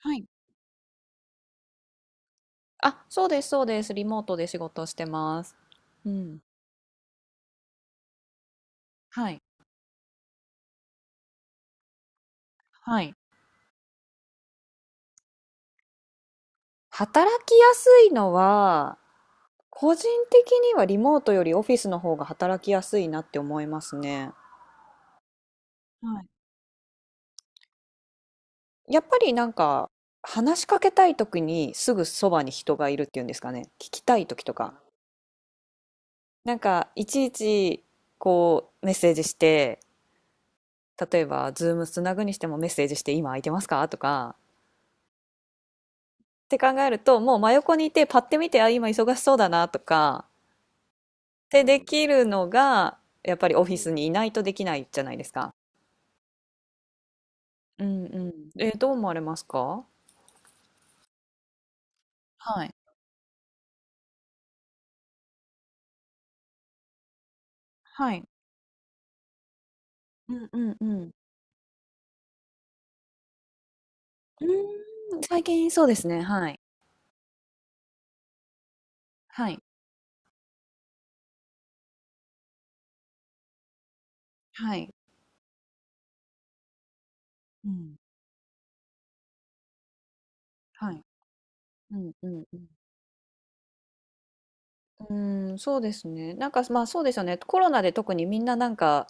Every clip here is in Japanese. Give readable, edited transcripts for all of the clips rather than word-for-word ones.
はい。あ、そうです、そうです。リモートで仕事してます。うん。はい。はい。働きやすいのは、個人的にはリモートよりオフィスの方が働きやすいなって思いますね。はい。やっぱりなんか、話しかけたい時にすぐそばに人がいるっていうんですかね。聞きたい時とか。なんか、いちいち、こう、メッセージして、例えば、ズームつなぐにしてもメッセージして、今空いてますかとか、って考えると、もう真横にいて、パッて見て、あ、今忙しそうだなとか、でできるのが、やっぱりオフィスにいないとできないじゃないですか。うんうん。どう思われますか？はい。はい。うんうんうん。うーん、最近そうですね、はい。はい。はい。うん。はい。うんうんうん。うーん、そうですね。なんか、まあそうですよね。コロナで特にみんななんか、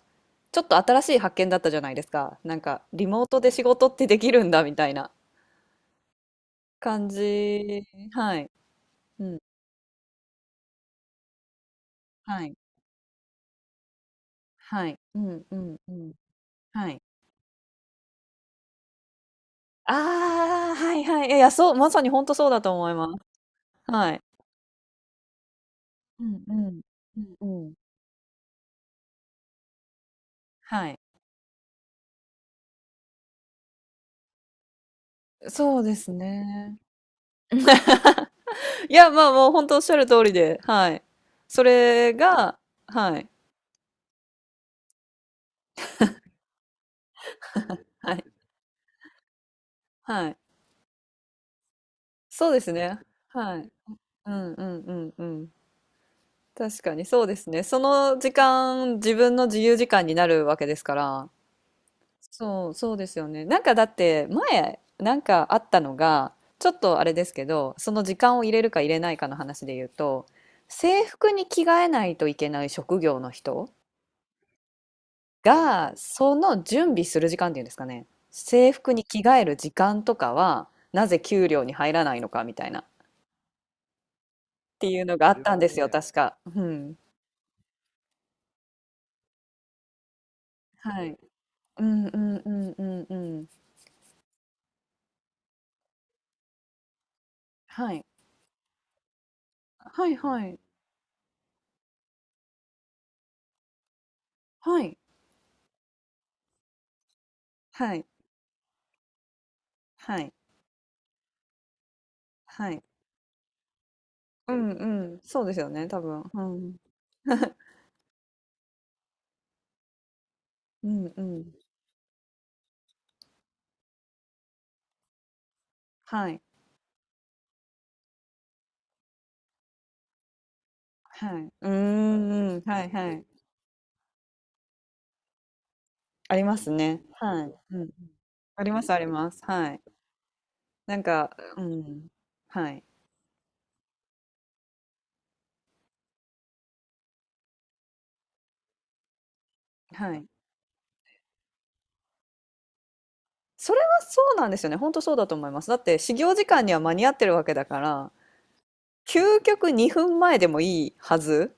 ちょっと新しい発見だったじゃないですか。なんか、リモートで仕事ってできるんだみたいな感じ。はい。うん。はい。はい。うんうんうん。はい。ああ、はいはい。いやいや、そう、まさに本当そうだと思います。はい。うんうん。うんうん。はい。そうですね。いや、まあ、もう本当おっしゃる通りで、はい。それが、はい。はい。はい。そうですね。はい。うんうんうんうん。確かにそうですね。その時間、自分の自由時間になるわけですから。そう、そうですよね。なんかだって前なんかあったのが、ちょっとあれですけど、その時間を入れるか入れないかの話で言うと、制服に着替えないといけない職業の人がその準備する時間っていうんですかね。制服に着替える時間とかはなぜ給料に入らないのかみたいなっていうのがあったまんですよね、確か。うん、はい、うんうんうんうんうん、はいはいはいはいはいはい。はい、うんうん、そうですよね、多分。うん。うんうん。はい。はい。うーんうん、はいはい。ありますね。はい。うん。ありますあります。はい。なんか、うん。はい。はい。それはそうなんですよね。本当そうだと思います。だって始業時間には間に合ってるわけだから、究極2分前でもいいはず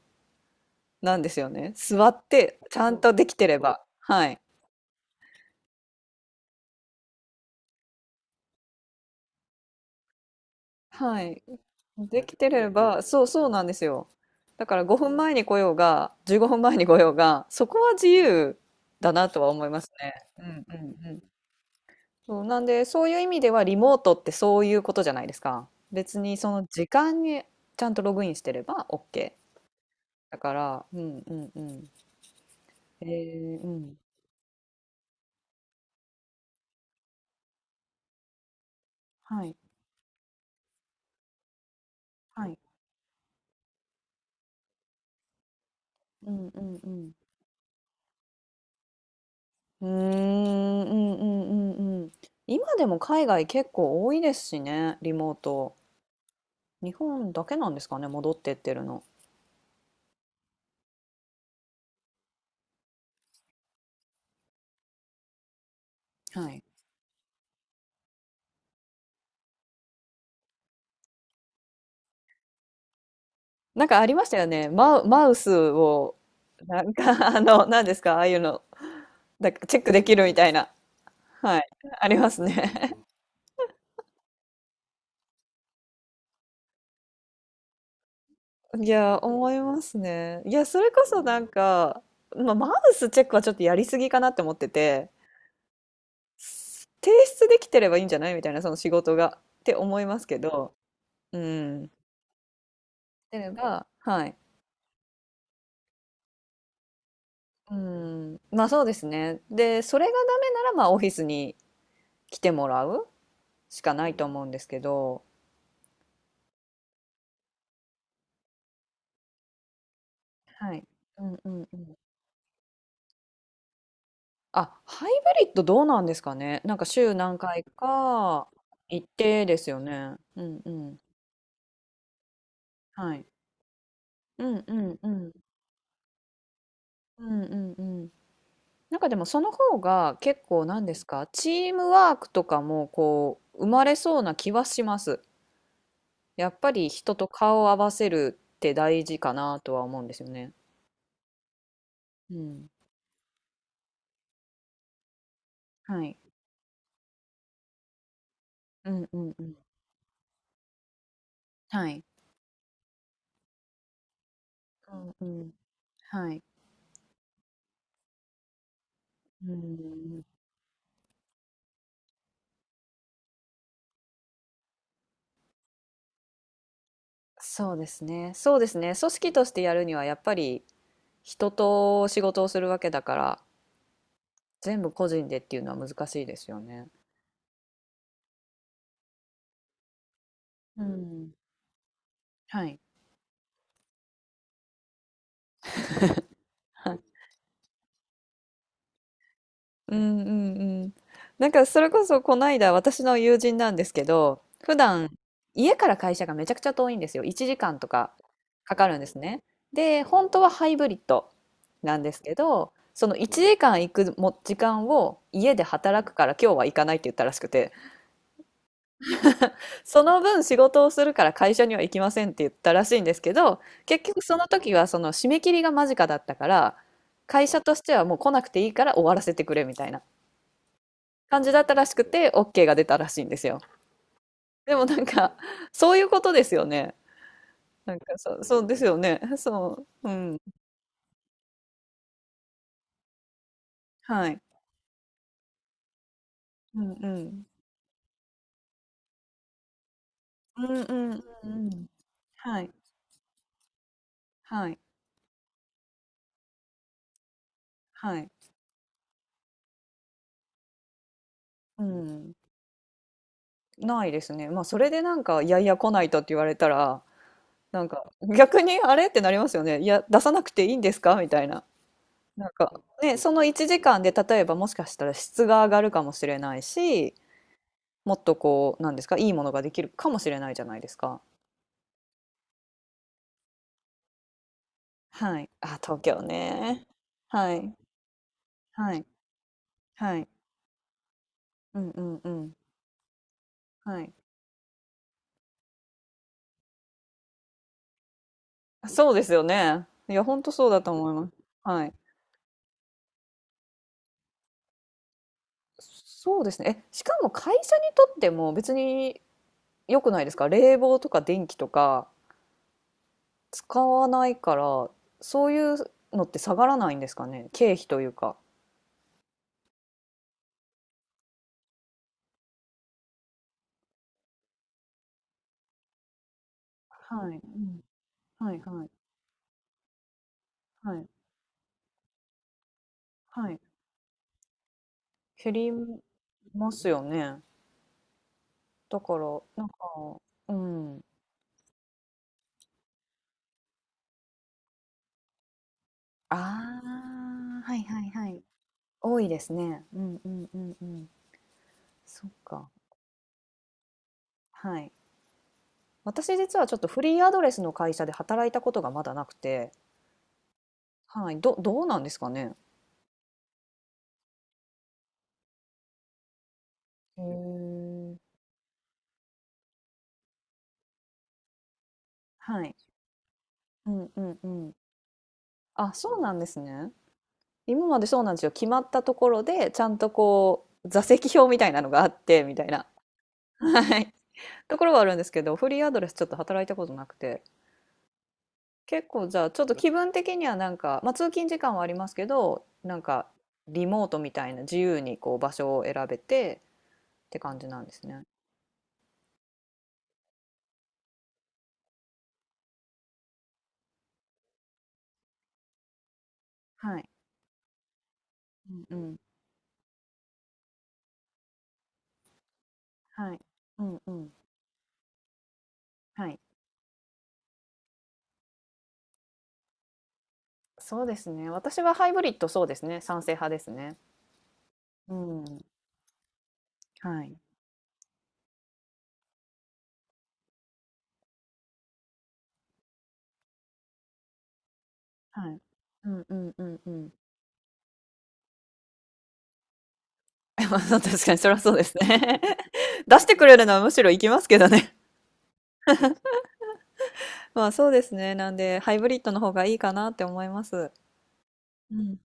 なんですよね。座ってちゃんとできてれば。はい。はい。できてれば、そうそうなんですよ。だから5分前に来ようが、15分前に来ようが、そこは自由だなとは思いますね。うんうんうん。そう、なんで、そういう意味ではリモートってそういうことじゃないですか。別にその時間にちゃんとログインしてれば OK。だから、うんうんうん。えー、うん。はい、はい。うんうんうん。うーん、うんうんうんうん。今でも海外結構多いですしね、リモート。日本だけなんですかね、戻ってってるの。はい。なんかありましたよね。マウスを、なんか、あの、何ですか、ああいうの、だチェックできるみたいな。はい。ありますね。いや、思いますね。いや、それこそなんか、まあ、マウスチェックはちょっとやりすぎかなって思ってて、提出できてればいいんじゃないみたいな、その仕事が。って思いますけど、うん。っていうのが、はい。うん。まあそうですね。で、それがダメなら、まあオフィスに来てもらうしかないと思うんですけど、はい。うんうんうん。あ、ハイブリッドどうなんですかね。なんか週何回か行ってですよね。うんうん。はい。うんうんうん。うんうんうん。なんかでもその方が結構なんですか、チームワークとかもこう生まれそうな気はします。やっぱり人と顔を合わせるって大事かなとは思うんですよね。うん。はい。うんうんうん。はい。うんうん。はい。うんうんうん、そうですね。そうですね。組織としてやるにはやっぱり人と仕事をするわけだから、全部個人でっていうのは難しいですよね。うん。はい。はい。うんうんうん。なんかそれこそこの間私の友人なんですけど、普段家から会社がめちゃくちゃ遠いんですよ。1時間とかかかるんですね。で、本当はハイブリッドなんですけど、その1時間行くも時間を家で働くから今日は行かないって言ったらしくて。その分仕事をするから会社には行きませんって言ったらしいんですけど、結局その時はその締め切りが間近だったから、会社としてはもう来なくていいから終わらせてくれみたいな感じだったらしくて、OK が出たらしいんですよ。でもなんか、そういうことですよね。なんかそう、そうですよね。そう。うん。はい。うんうん。うんうんうんうん。はい。はい。はい。うん。ないですね。まあ、それでなんか、いやいや来ないとって言われたら、なんか逆にあれってなりますよね。いや、出さなくていいんですかみたいな。なんかね、その1時間で例えばもしかしたら質が上がるかもしれないし、もっとこう、なんですか、いいものができるかもしれないじゃないですか。はい。あ、東京ね。はい。はい。はい。うんうんうん。はい。そうですよね。いや、本当そうだと思います。はい。そうですね。え、しかも会社にとっても別に良くないですか？冷房とか電気とか。使わないから、そういうのって下がらないんですかね？経費というか。はい、うん。はいはい、はい、はい。減りますよね。だから、なんか、うん。ああ、はいはいはい。多いですね。うんうんうんうん。そっか。はい。私実はちょっとフリーアドレスの会社で働いたことがまだなくて、はい、どどうなんですかね？へえ。はい。うんうんうん。あ、そうなんですね。今までそうなんですよ。決まったところで、ちゃんとこう、座席表みたいなのがあって、みたいな。はい。ところはあるんですけど、フリーアドレスちょっと働いたことなくて。結構じゃあ、ちょっと気分的にはなんか、まあ通勤時間はありますけど、なんか、リモートみたいな自由にこう場所を選べてって感じなんですね。はい。うんうん。はい。うんうん。はい。そうですね。私はハイブリッド、そうですね、賛成派ですね。うん。はい。はい。うんうんうんうん。まあそう、確かにそれはそうですね。出してくれるのはむしろ行きますけどね。まあ、そうですね。なんで、ハイブリッドの方がいいかなって思います。うん。